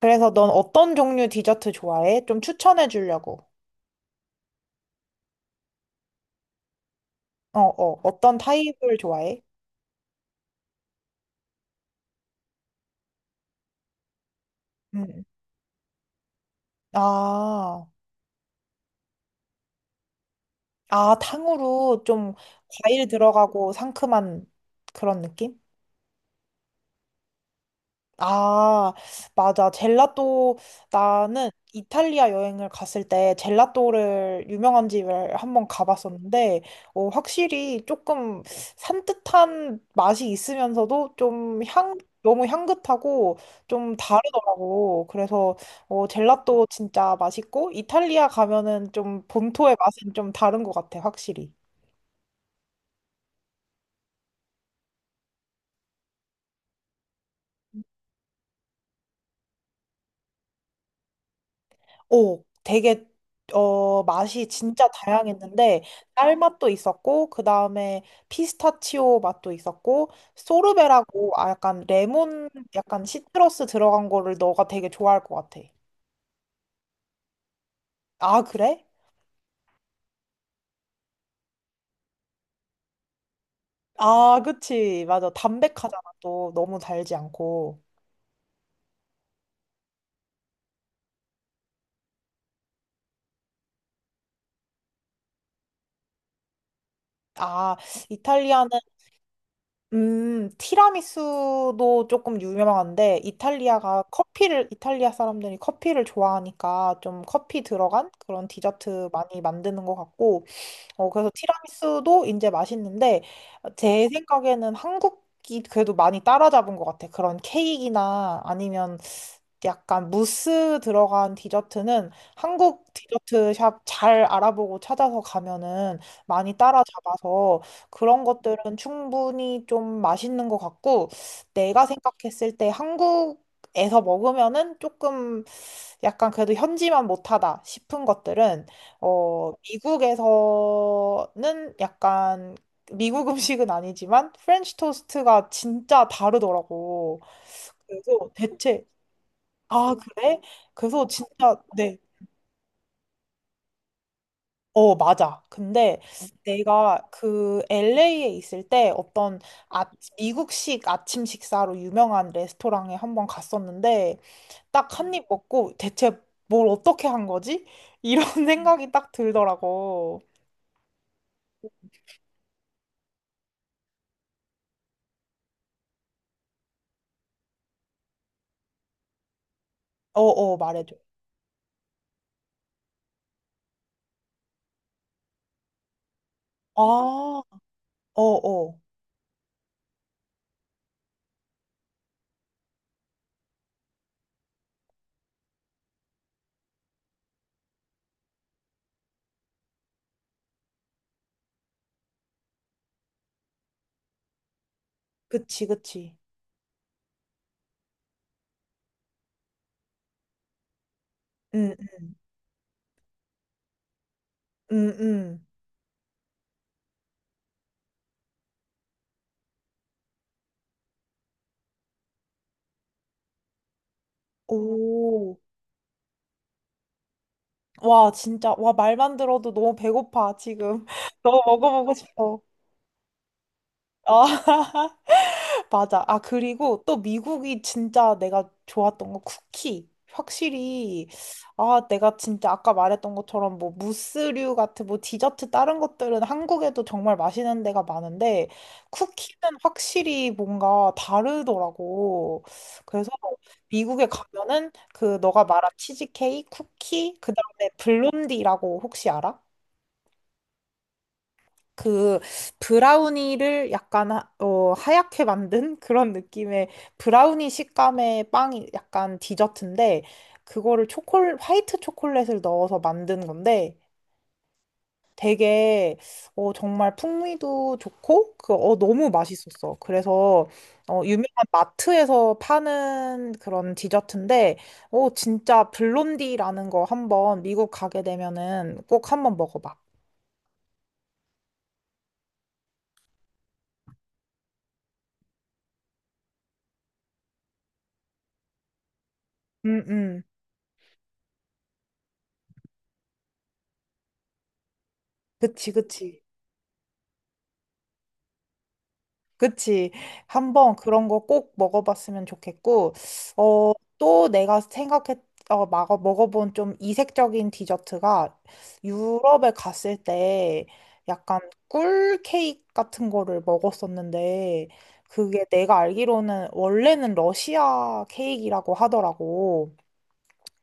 그래서 넌 어떤 종류 디저트 좋아해? 좀 추천해 주려고. 어, 어. 어떤 타입을 좋아해? 음. 아, 아, 탕후루 좀 과일 들어가고 상큼한 그런 느낌? 아, 맞아. 젤라또, 나는 이탈리아 여행을 갔을 때 젤라또를 유명한 집을 한번 가봤었는데, 어, 확실히 조금 산뜻한 맛이 있으면서도 좀 향, 너무 향긋하고 좀 다르더라고. 그래서 어, 젤라또 진짜 맛있고, 이탈리아 가면은 좀 본토의 맛은 좀 다른 것 같아, 확실히. 오, 되게 어 맛이 진짜 다양했는데 딸맛도 있었고 그 다음에 피스타치오 맛도 있었고 소르베라고 아 약간 레몬 약간 시트러스 들어간 거를 너가 되게 좋아할 것 같아. 아, 그래? 아 그치 맞아 담백하잖아 또 너무 달지 않고. 아 이탈리아는 티라미수도 조금 유명한데, 이탈리아가 커피를, 이탈리아 사람들이 커피를 좋아하니까 좀 커피 들어간 그런 디저트 많이 만드는 것 같고, 어, 그래서 티라미수도 이제 맛있는데, 제 생각에는 한국이 그래도 많이 따라잡은 것 같아. 그런 케이크나 아니면 약간 무스 들어간 디저트는 한국 디저트 샵 잘 알아보고 찾아서 가면은 많이 따라잡아서 그런 것들은 충분히 좀 맛있는 것 같고 내가 생각했을 때 한국에서 먹으면은 조금 약간 그래도 현지만 못하다 싶은 것들은 어 미국에서는 약간 미국 음식은 아니지만 프렌치 토스트가 진짜 다르더라고. 그래서 대체 아, 그래? 그래서 진짜, 네. 어, 맞아. 근데 내가 그 LA에 있을 때 어떤 아, 미국식 아침 식사로 유명한 레스토랑에 한번 갔었는데 딱 한 입 먹고 대체 뭘 어떻게 한 거지? 이런 생각이 딱 들더라고. 어, 어, 말해줘. 아, 어, 어. 그치, 그치. 응, 응, 응. 응. 오. 와, 진짜. 와, 말만 들어도 너무 배고파, 지금. 너무 먹어보고 싶어. 아, 맞아. 아, 그리고 또 미국이 진짜 내가 좋았던 거 쿠키. 확실히, 아, 내가 진짜 아까 말했던 것처럼 뭐 무스류 같은 뭐 디저트 다른 것들은 한국에도 정말 맛있는 데가 많은데 쿠키는 확실히 뭔가 다르더라고. 그래서 미국에 가면은 그 너가 말한 치즈케이크, 쿠키, 그 다음에 블론디라고 혹시 알아? 그 브라우니를 약간 하, 어, 하얗게 만든 그런 느낌의 브라우니 식감의 빵이 약간 디저트인데 그거를 초콜 화이트 초콜릿을 넣어서 만든 건데 되게 어, 정말 풍미도 좋고 그 어, 너무 맛있었어. 그래서 어, 유명한 마트에서 파는 그런 디저트인데 어, 진짜 블론디라는 거 한번 미국 가게 되면은 꼭 한번 먹어봐. 음, 음. 그치, 그치. 그치. 한번 그런 거 꼭 먹어봤으면 좋겠고, 어, 또 내가 생각했, 어, 막어 먹어본 좀 이색적인 디저트가 유럽에 갔을 때 약간 꿀 케이크 같은 거를 먹었었는데, 그게 내가 알기로는 원래는 러시아 케이크라고 하더라고.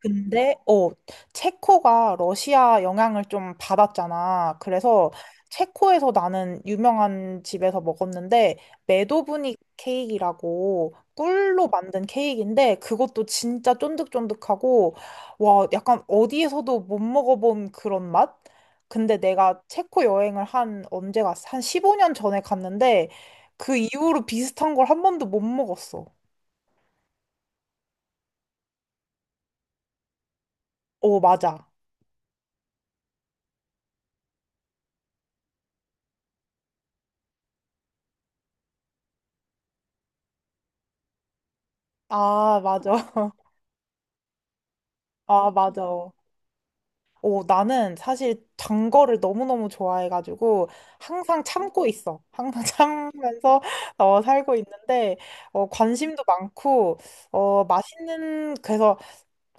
근데 어 체코가 러시아 영향을 좀 받았잖아. 그래서 체코에서 나는 유명한 집에서 먹었는데 메도브닉 케이크라고 꿀로 만든 케이크인데 그것도 진짜 쫀득쫀득하고 와 약간 어디에서도 못 먹어본 그런 맛? 근데 내가 체코 여행을 한 언제 갔어? 한 15년 전에 갔는데 그 이후로 비슷한 걸 한 번도 못 먹었어. 어 맞아. 아 맞아. 아 맞아. 오, 나는 사실 단 거를 너무너무 좋아해가지고 항상 참고 있어. 항상 참으면서 어, 살고 있는데 어, 관심도 많고 어, 맛있는 그래서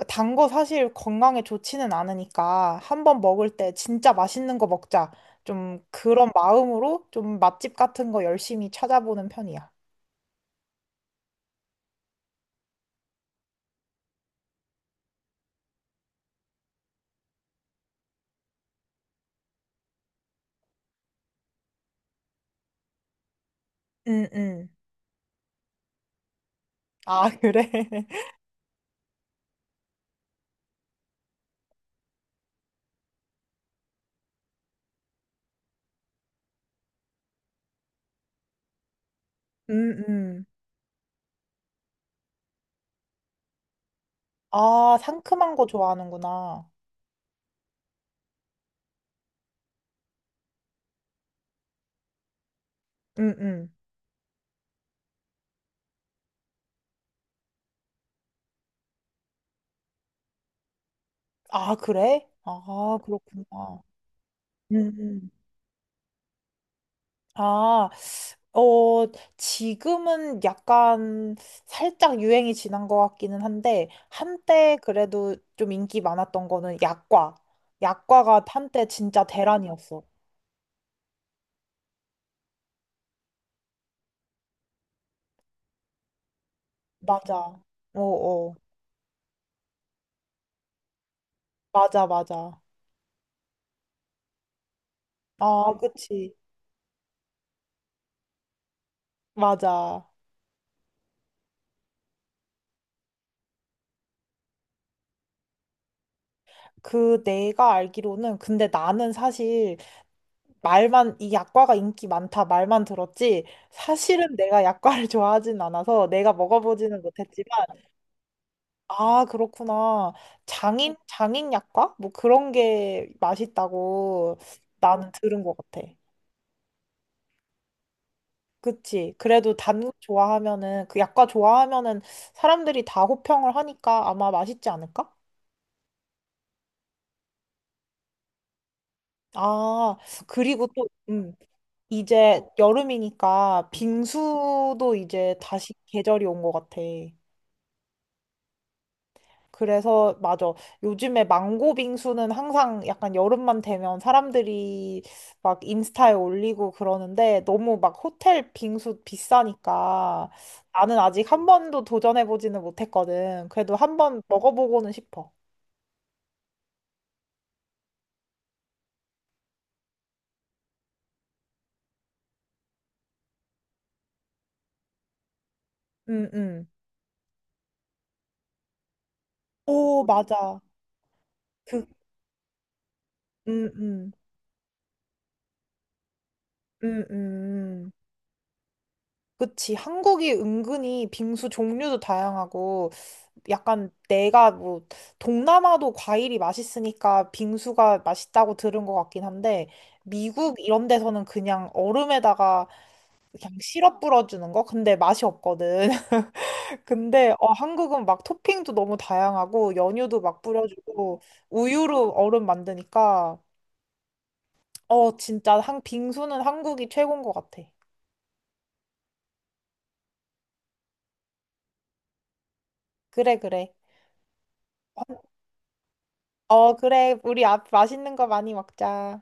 단거 사실 건강에 좋지는 않으니까 한 번 먹을 때 진짜 맛있는 거 먹자. 좀 그런 마음으로 좀 맛집 같은 거 열심히 찾아보는 편이야. 음, 음. 아, 그래? 음, 음. 아, 상큼한 거 좋아하는구나. 음, 음. 아, 그래? 아, 그렇구나. 음. 음. 아, 어, 지금은 약간 살짝 유행이 지난 것 같기는 한데, 한때 그래도 좀 인기 많았던 거는 약과. 약과가 한때 진짜 대란이었어. 맞아. 어어. 맞아, 맞아. 아, 그치. 맞아. 그 내가 알기로는, 근데 나는 사실 말만 이 약과가 인기 많다 말만 들었지 사실은 내가 약과를 좋아하진 않아서 내가 먹어보지는 못했지만 아 그렇구나 장인 약과 뭐 그런 게 맛있다고 나는 들은 것 같아. 그치. 그래도 단 거 좋아하면은 그 약과 좋아하면은 사람들이 다 호평을 하니까 아마 맛있지 않을까? 아 그리고 또 이제 여름이니까 빙수도 이제 다시 계절이 온 것 같아. 그래서 맞아. 요즘에 망고 빙수는 항상 약간 여름만 되면 사람들이 막 인스타에 올리고 그러는데 너무 막 호텔 빙수 비싸니까 나는 아직 한 번도 도전해보지는 못했거든. 그래도 한 번 먹어보고는 싶어. 음, 음. 오, 맞아. 그, 음, 음, 음. 그치. 한국이 은근히 빙수 종류도 다양하고, 약간 내가 뭐, 동남아도 과일이 맛있으니까 빙수가 맛있다고 들은 것 같긴 한데, 미국 이런 데서는 그냥 얼음에다가 그냥 시럽 뿌려주는 거? 근데 맛이 없거든. 근데 어, 한국은 막 토핑도 너무 다양하고, 연유도 막 뿌려주고, 우유로 얼음 만드니까, 어, 진짜 한, 빙수는 한국이 최고인 것 같아. 그래, 그래. 어, 그래. 우리 앞 맛있는 거 많이 먹자.